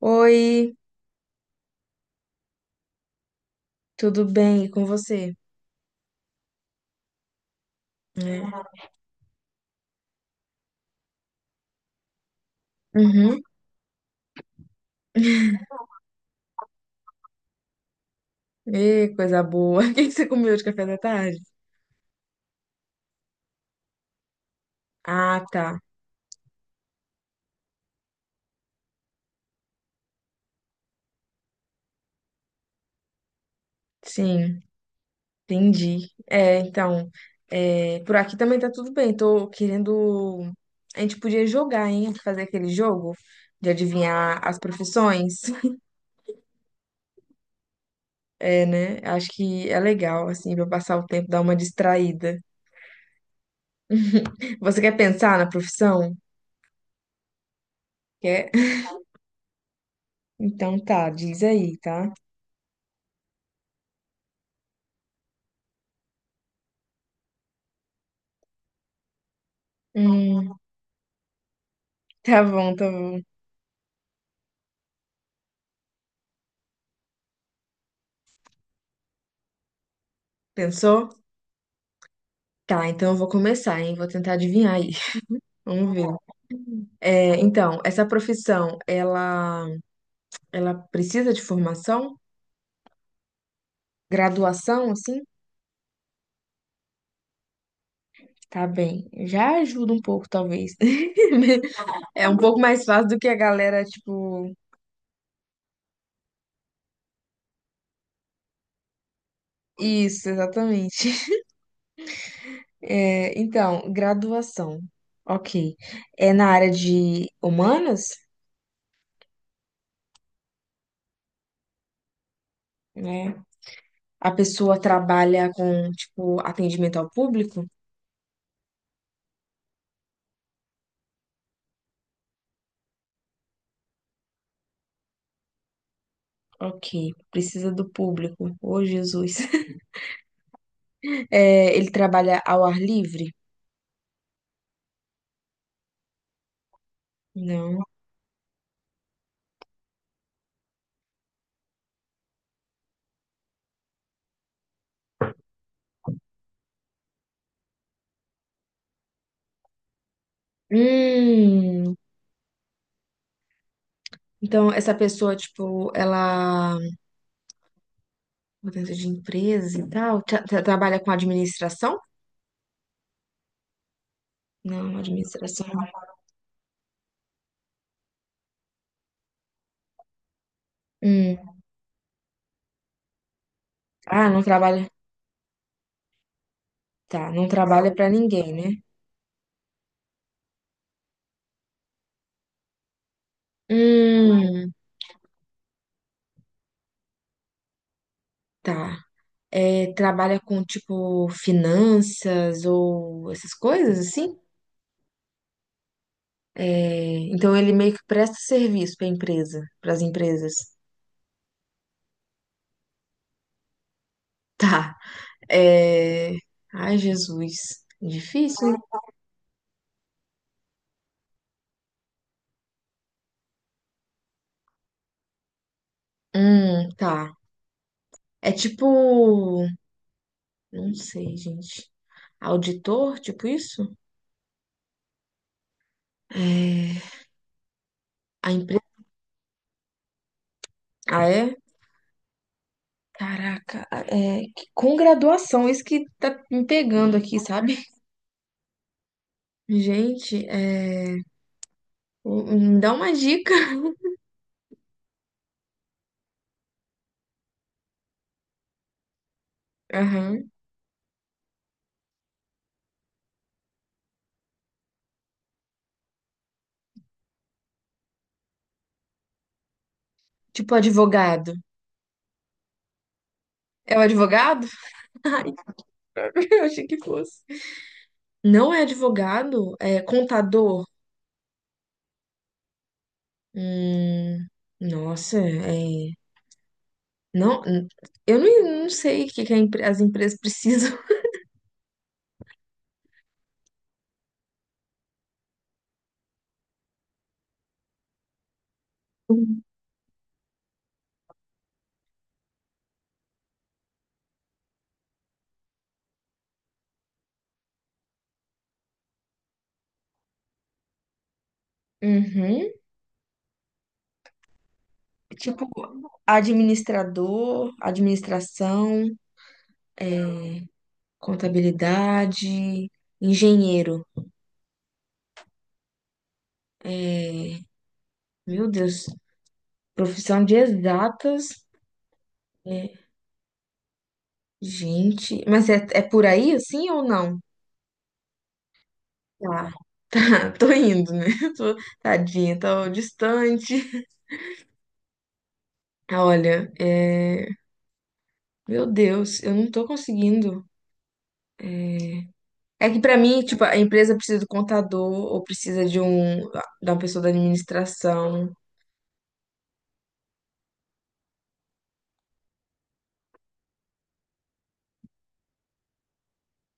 Oi, tudo bem? E com você? É. Uhum. Ê, coisa boa. O que que você comeu de café da tarde? Ah, tá. Sim, entendi. É, então, é, por aqui também tá tudo bem. Tô querendo. A gente podia jogar, hein? Fazer aquele jogo de adivinhar as profissões. É, né? Acho que é legal, assim, pra passar o tempo, dar uma distraída. Você quer pensar na profissão? Quer? Então tá, diz aí, tá? Hum, tá bom, tá bom. Pensou? Tá, então eu vou começar, hein? Vou tentar adivinhar aí. Vamos ver. É, então, essa profissão, ela precisa de formação? Graduação, assim? Tá bem. Já ajuda um pouco, talvez. É um pouco mais fácil do que a galera, tipo. Isso, exatamente. É, então, graduação. Ok. É na área de humanas, né? A pessoa trabalha com, tipo, atendimento ao público? Ok, precisa do público. Ô, Jesus. É, ele trabalha ao ar livre? Não. Hum, então essa pessoa, tipo, ela mudança de empresa e tal, trabalha com administração? Não, administração, não. Hum. Ah, não trabalha. Tá, não trabalha pra ninguém, né? Hum, tá. É, trabalha com tipo finanças ou essas coisas assim? É, então ele meio que presta serviço pra empresa, pras empresas. Tá. É... Ai, Jesus. Difícil, hein? Tá. É tipo. Não sei, gente. Auditor, tipo isso? É... A empresa. Ah, é? Caraca, é... com graduação, isso que tá me pegando aqui, sabe? Gente, é... me dá uma dica. Aham. Tipo advogado. É o advogado? Eu achei que fosse. Não é advogado, é contador. Hum, nossa, é. Não, n- eu não sei o que que as empresas precisam. Uhum. Tipo, administrador, administração, é, contabilidade, engenheiro. É, meu Deus, profissão de exatas. É, gente, mas é por aí assim ou não? Tá, tá, tô indo, né? Tô, tadinha, tô distante. Olha, é. Meu Deus, eu não tô conseguindo. É que pra mim, tipo, a empresa precisa do contador ou precisa de um da uma pessoa da administração.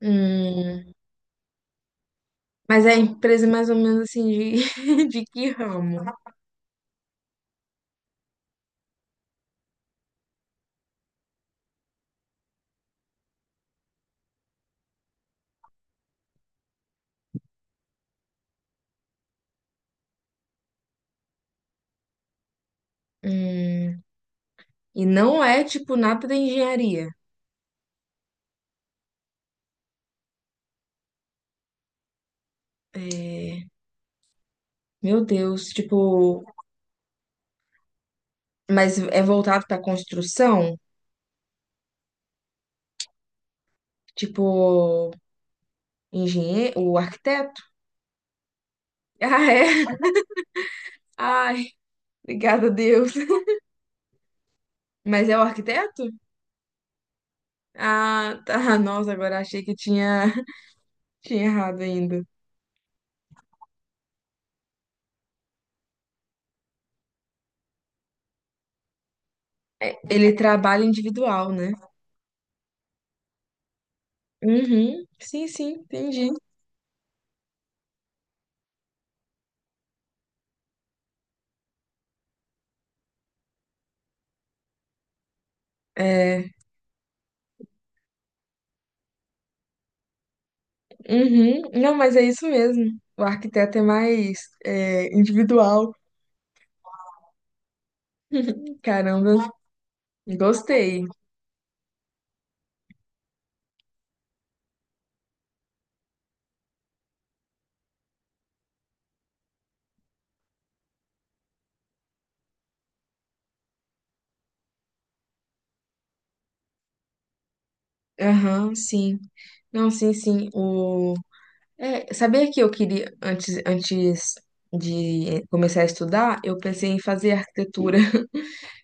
Hum, mas a empresa é mais ou menos assim de, de que ramo? Hum, e não é tipo nada da engenharia. É, meu Deus, tipo, mas é voltado pra construção? Tipo, engenheiro, o arquiteto? Ah, é. Ai, obrigada a Deus. Mas é o arquiteto? Ah, tá. Nossa, agora achei que tinha, tinha errado ainda. É, ele trabalha individual, né? Uhum. Sim, sim, entendi. É, uhum. Não, mas é isso mesmo. O arquiteto é mais individual. Caramba, gostei. Aham, sim. Não, sim, sim. O... É, sabia que eu queria, antes de começar a estudar, eu pensei em fazer arquitetura.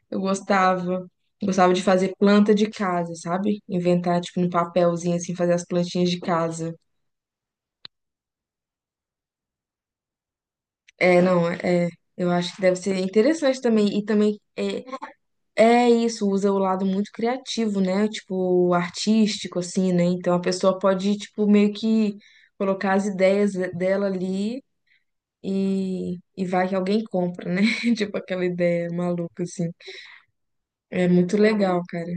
Eu gostava. Gostava de fazer planta de casa, sabe? Inventar, tipo, um papelzinho assim, fazer as plantinhas de casa. É, não, é. Eu acho que deve ser interessante também. E também é isso, usa o lado muito criativo, né? Tipo, artístico, assim, né? Então a pessoa pode, tipo, meio que colocar as ideias dela ali e vai que alguém compra, né? Tipo, aquela ideia maluca, assim. É muito legal, cara.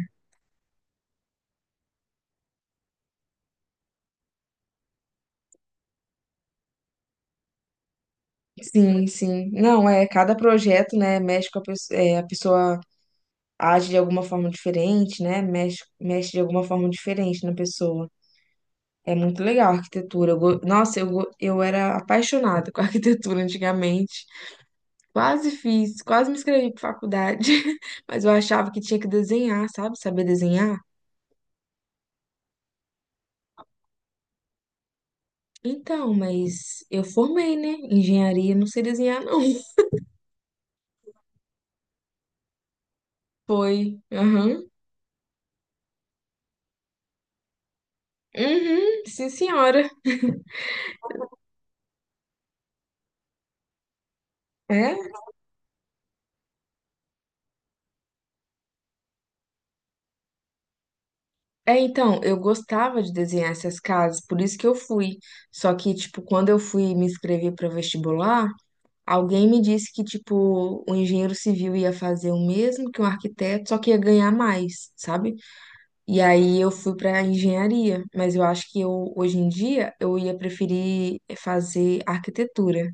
Sim, sim. Não, é, cada projeto, né, mexe com a pessoa age de alguma forma diferente, né, mexe de alguma forma diferente na pessoa. É muito legal a arquitetura. Nossa, eu era apaixonada com a arquitetura antigamente. Quase fiz, quase me inscrevi para faculdade, mas eu achava que tinha que desenhar, sabe? Saber desenhar. Então, mas eu formei, né, engenharia, não sei desenhar, não. Foi. Aham. Uhum. Sim, senhora. É, é, então, eu gostava de desenhar essas casas, por isso que eu fui. Só que, tipo, quando eu fui me inscrever para vestibular, alguém me disse que, tipo, o engenheiro civil ia fazer o mesmo que um arquiteto, só que ia ganhar mais, sabe? E aí eu fui para engenharia, mas eu acho que hoje em dia, eu ia preferir fazer arquitetura,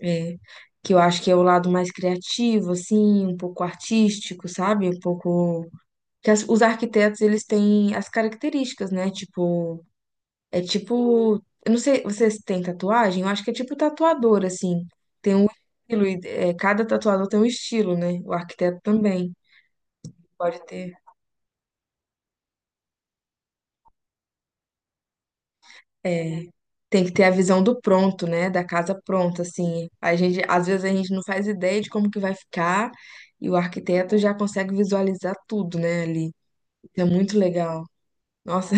é, que eu acho que é o lado mais criativo, assim, um pouco artístico, sabe? Um pouco que os arquitetos eles têm as características, né? É tipo, eu não sei, vocês têm tatuagem? Eu acho que é tipo tatuador assim. Tem um estilo, é, cada tatuador tem um estilo, né? O arquiteto também pode ter. É, tem que ter a visão do pronto, né? Da casa pronta, assim. Às vezes a gente não faz ideia de como que vai ficar e o arquiteto já consegue visualizar tudo, né? Ali. Isso é muito legal. Nossa.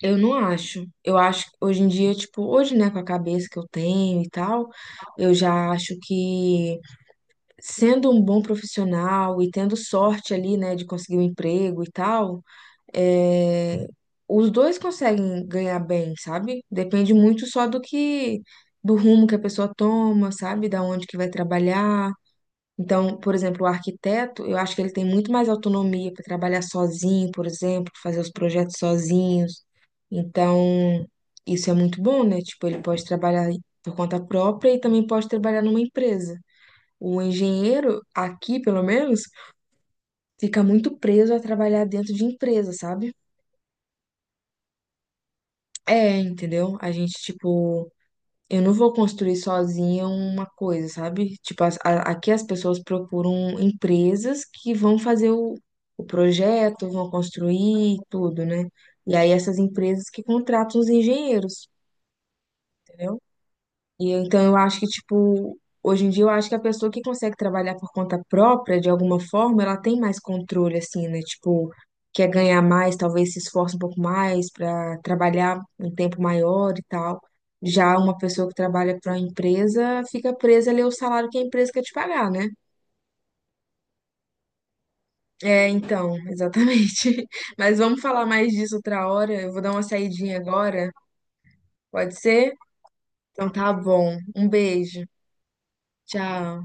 Eu não acho. Eu acho que hoje em dia, tipo, hoje, né, com a cabeça que eu tenho e tal, eu já acho que sendo um bom profissional e tendo sorte ali, né, de conseguir um emprego e tal, é, os dois conseguem ganhar bem, sabe? Depende muito só do rumo que a pessoa toma, sabe? Da onde que vai trabalhar. Então, por exemplo, o arquiteto, eu acho que ele tem muito mais autonomia para trabalhar sozinho, por exemplo, fazer os projetos sozinhos. Então, isso é muito bom, né? Tipo, ele pode trabalhar por conta própria e também pode trabalhar numa empresa. O engenheiro, aqui pelo menos, fica muito preso a trabalhar dentro de empresa, sabe? É, entendeu? A gente, tipo, eu não vou construir sozinha uma coisa, sabe? Tipo, aqui as pessoas procuram empresas que vão fazer o projeto, vão construir tudo, né? E aí essas empresas que contratam os engenheiros, entendeu? Então eu acho que, tipo, hoje em dia eu acho que a pessoa que consegue trabalhar por conta própria, de alguma forma, ela tem mais controle, assim, né? Tipo, quer ganhar mais, talvez se esforce um pouco mais para trabalhar um tempo maior e tal. Já uma pessoa que trabalha para uma empresa fica presa ali ao salário que a empresa quer te pagar, né? É, então, exatamente. Mas vamos falar mais disso outra hora. Eu vou dar uma saidinha agora, pode ser? Então tá bom. Um beijo. Tchau.